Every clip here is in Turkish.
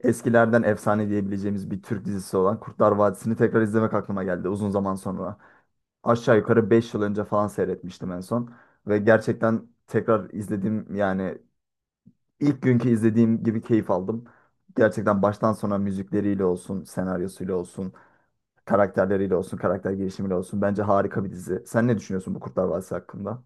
Eskilerden efsane diyebileceğimiz bir Türk dizisi olan Kurtlar Vadisi'ni tekrar izlemek aklıma geldi uzun zaman sonra. Aşağı yukarı 5 yıl önce falan seyretmiştim en son. Ve gerçekten tekrar izlediğim yani ilk günkü izlediğim gibi keyif aldım. Gerçekten baştan sona müzikleriyle olsun, senaryosuyla olsun, karakterleriyle olsun, karakter gelişimiyle olsun. Bence harika bir dizi. Sen ne düşünüyorsun bu Kurtlar Vadisi hakkında?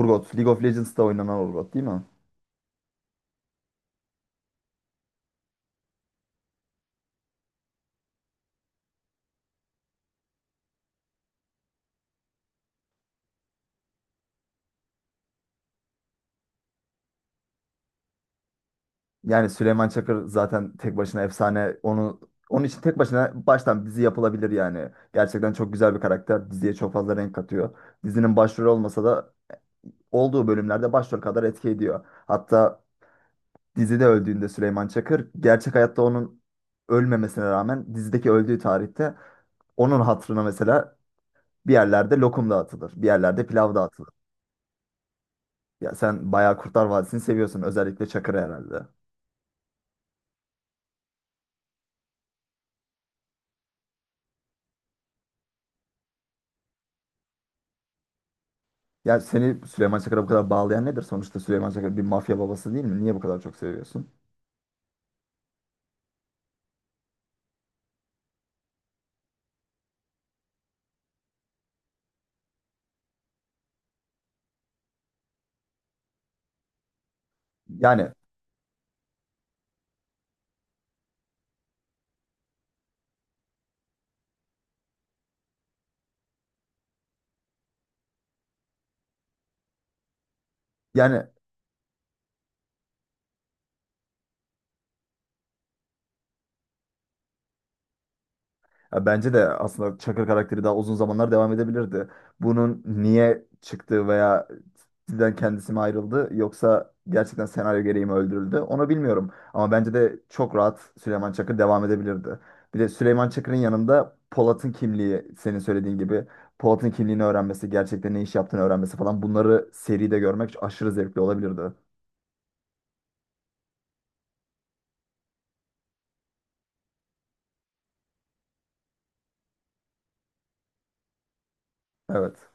Urgot, League of Legends'ta oynanan Urgot değil mi? Yani Süleyman Çakır zaten tek başına efsane. Onu onun için tek başına baştan dizi yapılabilir yani. Gerçekten çok güzel bir karakter. Diziye çok fazla renk katıyor. Dizinin başrolü olmasa da olduğu bölümlerde başrol kadar etki ediyor. Hatta dizide öldüğünde Süleyman Çakır gerçek hayatta onun ölmemesine rağmen dizideki öldüğü tarihte onun hatırına mesela bir yerlerde lokum dağıtılır. Bir yerlerde pilav dağıtılır. Ya sen bayağı Kurtlar Vadisi'ni seviyorsun, özellikle Çakır'ı herhalde. Ya seni Süleyman Çakır'a bu kadar bağlayan nedir? Sonuçta Süleyman Çakır bir mafya babası değil mi? Niye bu kadar çok seviyorsun? Yani. Yani ya bence de aslında Çakır karakteri daha uzun zamanlar devam edebilirdi. Bunun niye çıktığı veya sizden kendisi mi ayrıldı yoksa gerçekten senaryo gereği mi öldürüldü? Onu bilmiyorum. Ama bence de çok rahat Süleyman Çakır devam edebilirdi. Bir de Süleyman Çakır'ın yanında Polat'ın kimliği senin söylediğin gibi Polat'ın kimliğini öğrenmesi, gerçekten ne iş yaptığını öğrenmesi falan bunları seride görmek aşırı zevkli olabilirdi. Evet.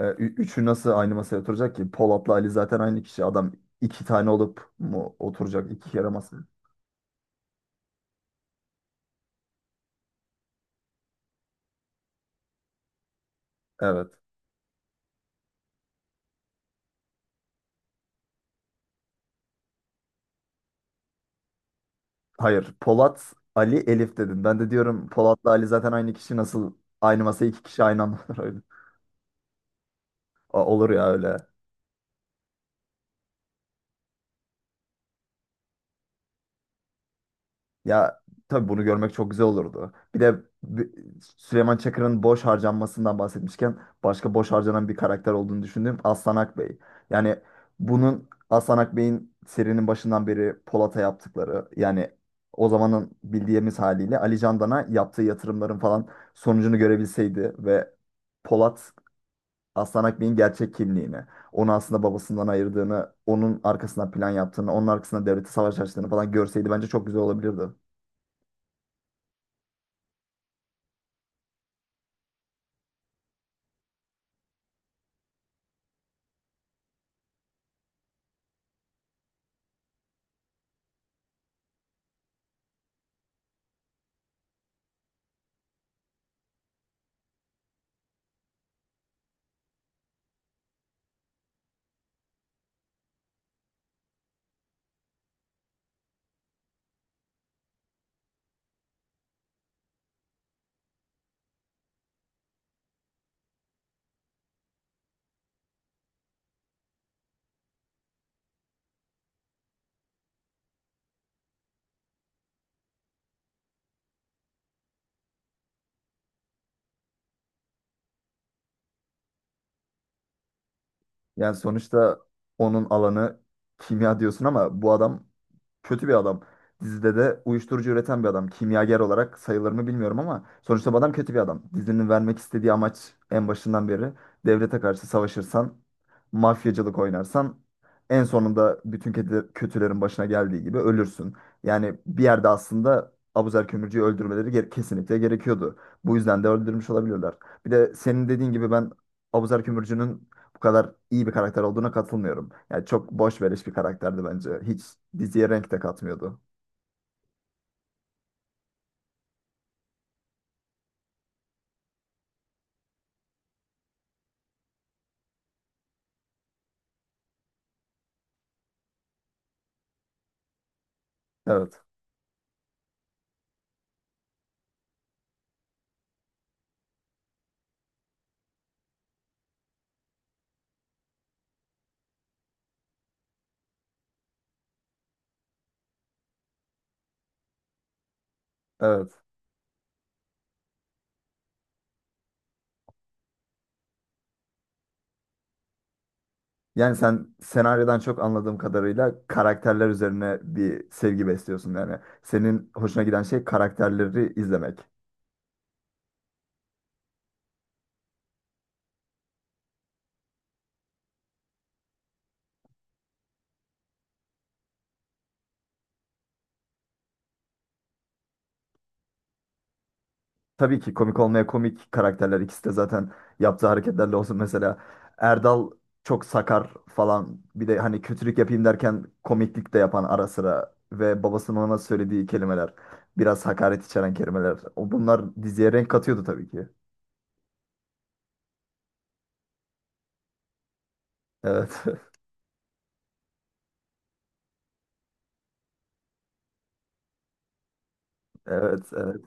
Üçü nasıl aynı masaya oturacak ki? Polat'la Ali zaten aynı kişi. Adam iki tane olup mu oturacak iki kere masaya? Evet. Hayır. Polat, Ali, Elif dedin. Ben de diyorum Polat'la Ali zaten aynı kişi. Nasıl aynı masaya iki kişi aynı anda oturuyor? Olur ya öyle. Ya tabii bunu görmek çok güzel olurdu. Bir de bi- Süleyman Çakır'ın boş harcanmasından bahsetmişken başka boş harcanan bir karakter olduğunu düşündüğüm Aslan Akbey. Yani bunun Aslan Akbey'in serinin başından beri Polat'a yaptıkları yani o zamanın bildiğimiz haliyle Ali Candan'a yaptığı yatırımların falan sonucunu görebilseydi ve Polat Aslan Akbey'in gerçek kimliğini, onu aslında babasından ayırdığını, onun arkasından plan yaptığını, onun arkasına devleti savaş açtığını falan görseydi bence çok güzel olabilirdi. Yani sonuçta onun alanı kimya diyorsun ama bu adam kötü bir adam. Dizide de uyuşturucu üreten bir adam. Kimyager olarak sayılır mı bilmiyorum ama sonuçta bu adam kötü bir adam. Dizinin vermek istediği amaç en başından beri devlete karşı savaşırsan, mafyacılık oynarsan en sonunda bütün kötülerin başına geldiği gibi ölürsün. Yani bir yerde aslında Abuzer Kömürcü'yü öldürmeleri kesinlikle gerekiyordu. Bu yüzden de öldürmüş olabilirler. Bir de senin dediğin gibi ben Abuzer Kömürcü'nün bu kadar iyi bir karakter olduğuna katılmıyorum. Yani çok boş veriş bir karakterdi bence. Hiç diziye renk de katmıyordu. Evet, evet. Yani sen senaryodan çok anladığım kadarıyla karakterler üzerine bir sevgi besliyorsun yani. Senin hoşuna giden şey karakterleri izlemek. Tabii ki komik olmaya komik karakterler ikisi de zaten yaptığı hareketlerle olsun, mesela Erdal çok sakar falan, bir de hani kötülük yapayım derken komiklik de yapan ara sıra ve babasının ona söylediği kelimeler biraz hakaret içeren kelimeler, o bunlar diziye renk katıyordu tabii ki. Evet evet, evet.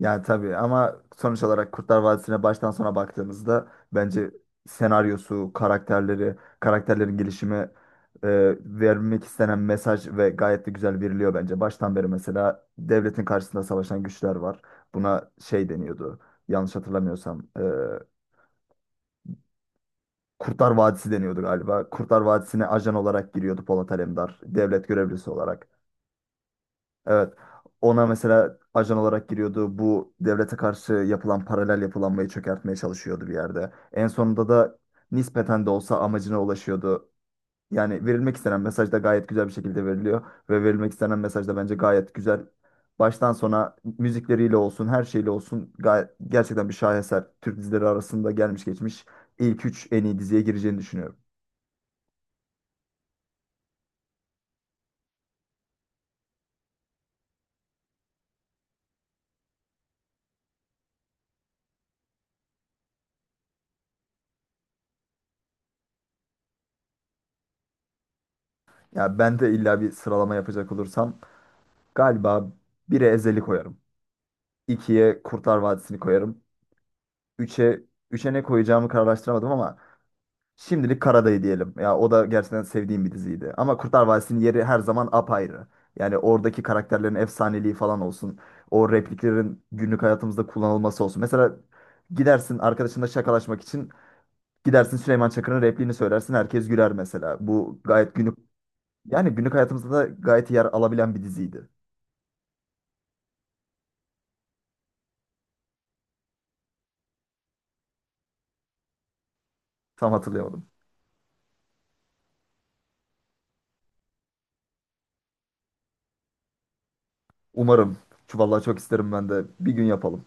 Yani tabii ama sonuç olarak Kurtlar Vadisi'ne baştan sona baktığımızda bence senaryosu, karakterleri, karakterlerin gelişimi, vermek istenen mesaj ve gayet de güzel veriliyor bence. Baştan beri mesela devletin karşısında savaşan güçler var. Buna şey deniyordu. Yanlış hatırlamıyorsam, Kurtlar Vadisi deniyordu galiba. Kurtlar Vadisi'ne ajan olarak giriyordu Polat Alemdar, devlet görevlisi olarak. Evet. Ona mesela ajan olarak giriyordu. Bu devlete karşı yapılan paralel yapılanmayı çökertmeye çalışıyordu bir yerde. En sonunda da nispeten de olsa amacına ulaşıyordu. Yani verilmek istenen mesaj da gayet güzel bir şekilde veriliyor. Ve verilmek istenen mesaj da bence gayet güzel. Baştan sona müzikleriyle olsun, her şeyle olsun gayet, gerçekten bir şaheser. Türk dizileri arasında gelmiş geçmiş ilk üç en iyi diziye gireceğini düşünüyorum. Ya ben de illa bir sıralama yapacak olursam galiba 1'e Ezel'i koyarım. 2'ye Kurtlar Vadisi'ni koyarım. üçe 3'e ne koyacağımı kararlaştıramadım ama şimdilik Karadayı diyelim. Ya o da gerçekten sevdiğim bir diziydi. Ama Kurtlar Vadisi'nin yeri her zaman apayrı. Yani oradaki karakterlerin efsaneliği falan olsun. O repliklerin günlük hayatımızda kullanılması olsun. Mesela gidersin arkadaşınla şakalaşmak için, gidersin Süleyman Çakır'ın repliğini söylersin, herkes güler mesela. Bu gayet günlük, yani günlük hayatımızda da gayet yer alabilen bir diziydi. Tam hatırlayamadım. Umarım. Şu vallahi çok isterim ben de. Bir gün yapalım.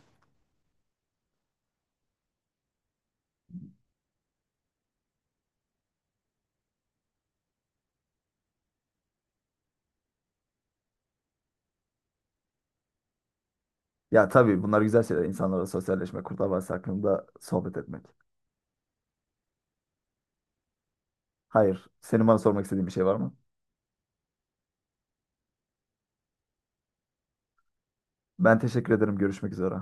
Ya tabii bunlar güzel şeyler. İnsanlarla sosyalleşmek, Kurtlar Vadisi hakkında sohbet etmek. Hayır, senin bana sormak istediğin bir şey var mı? Ben teşekkür ederim. Görüşmek üzere.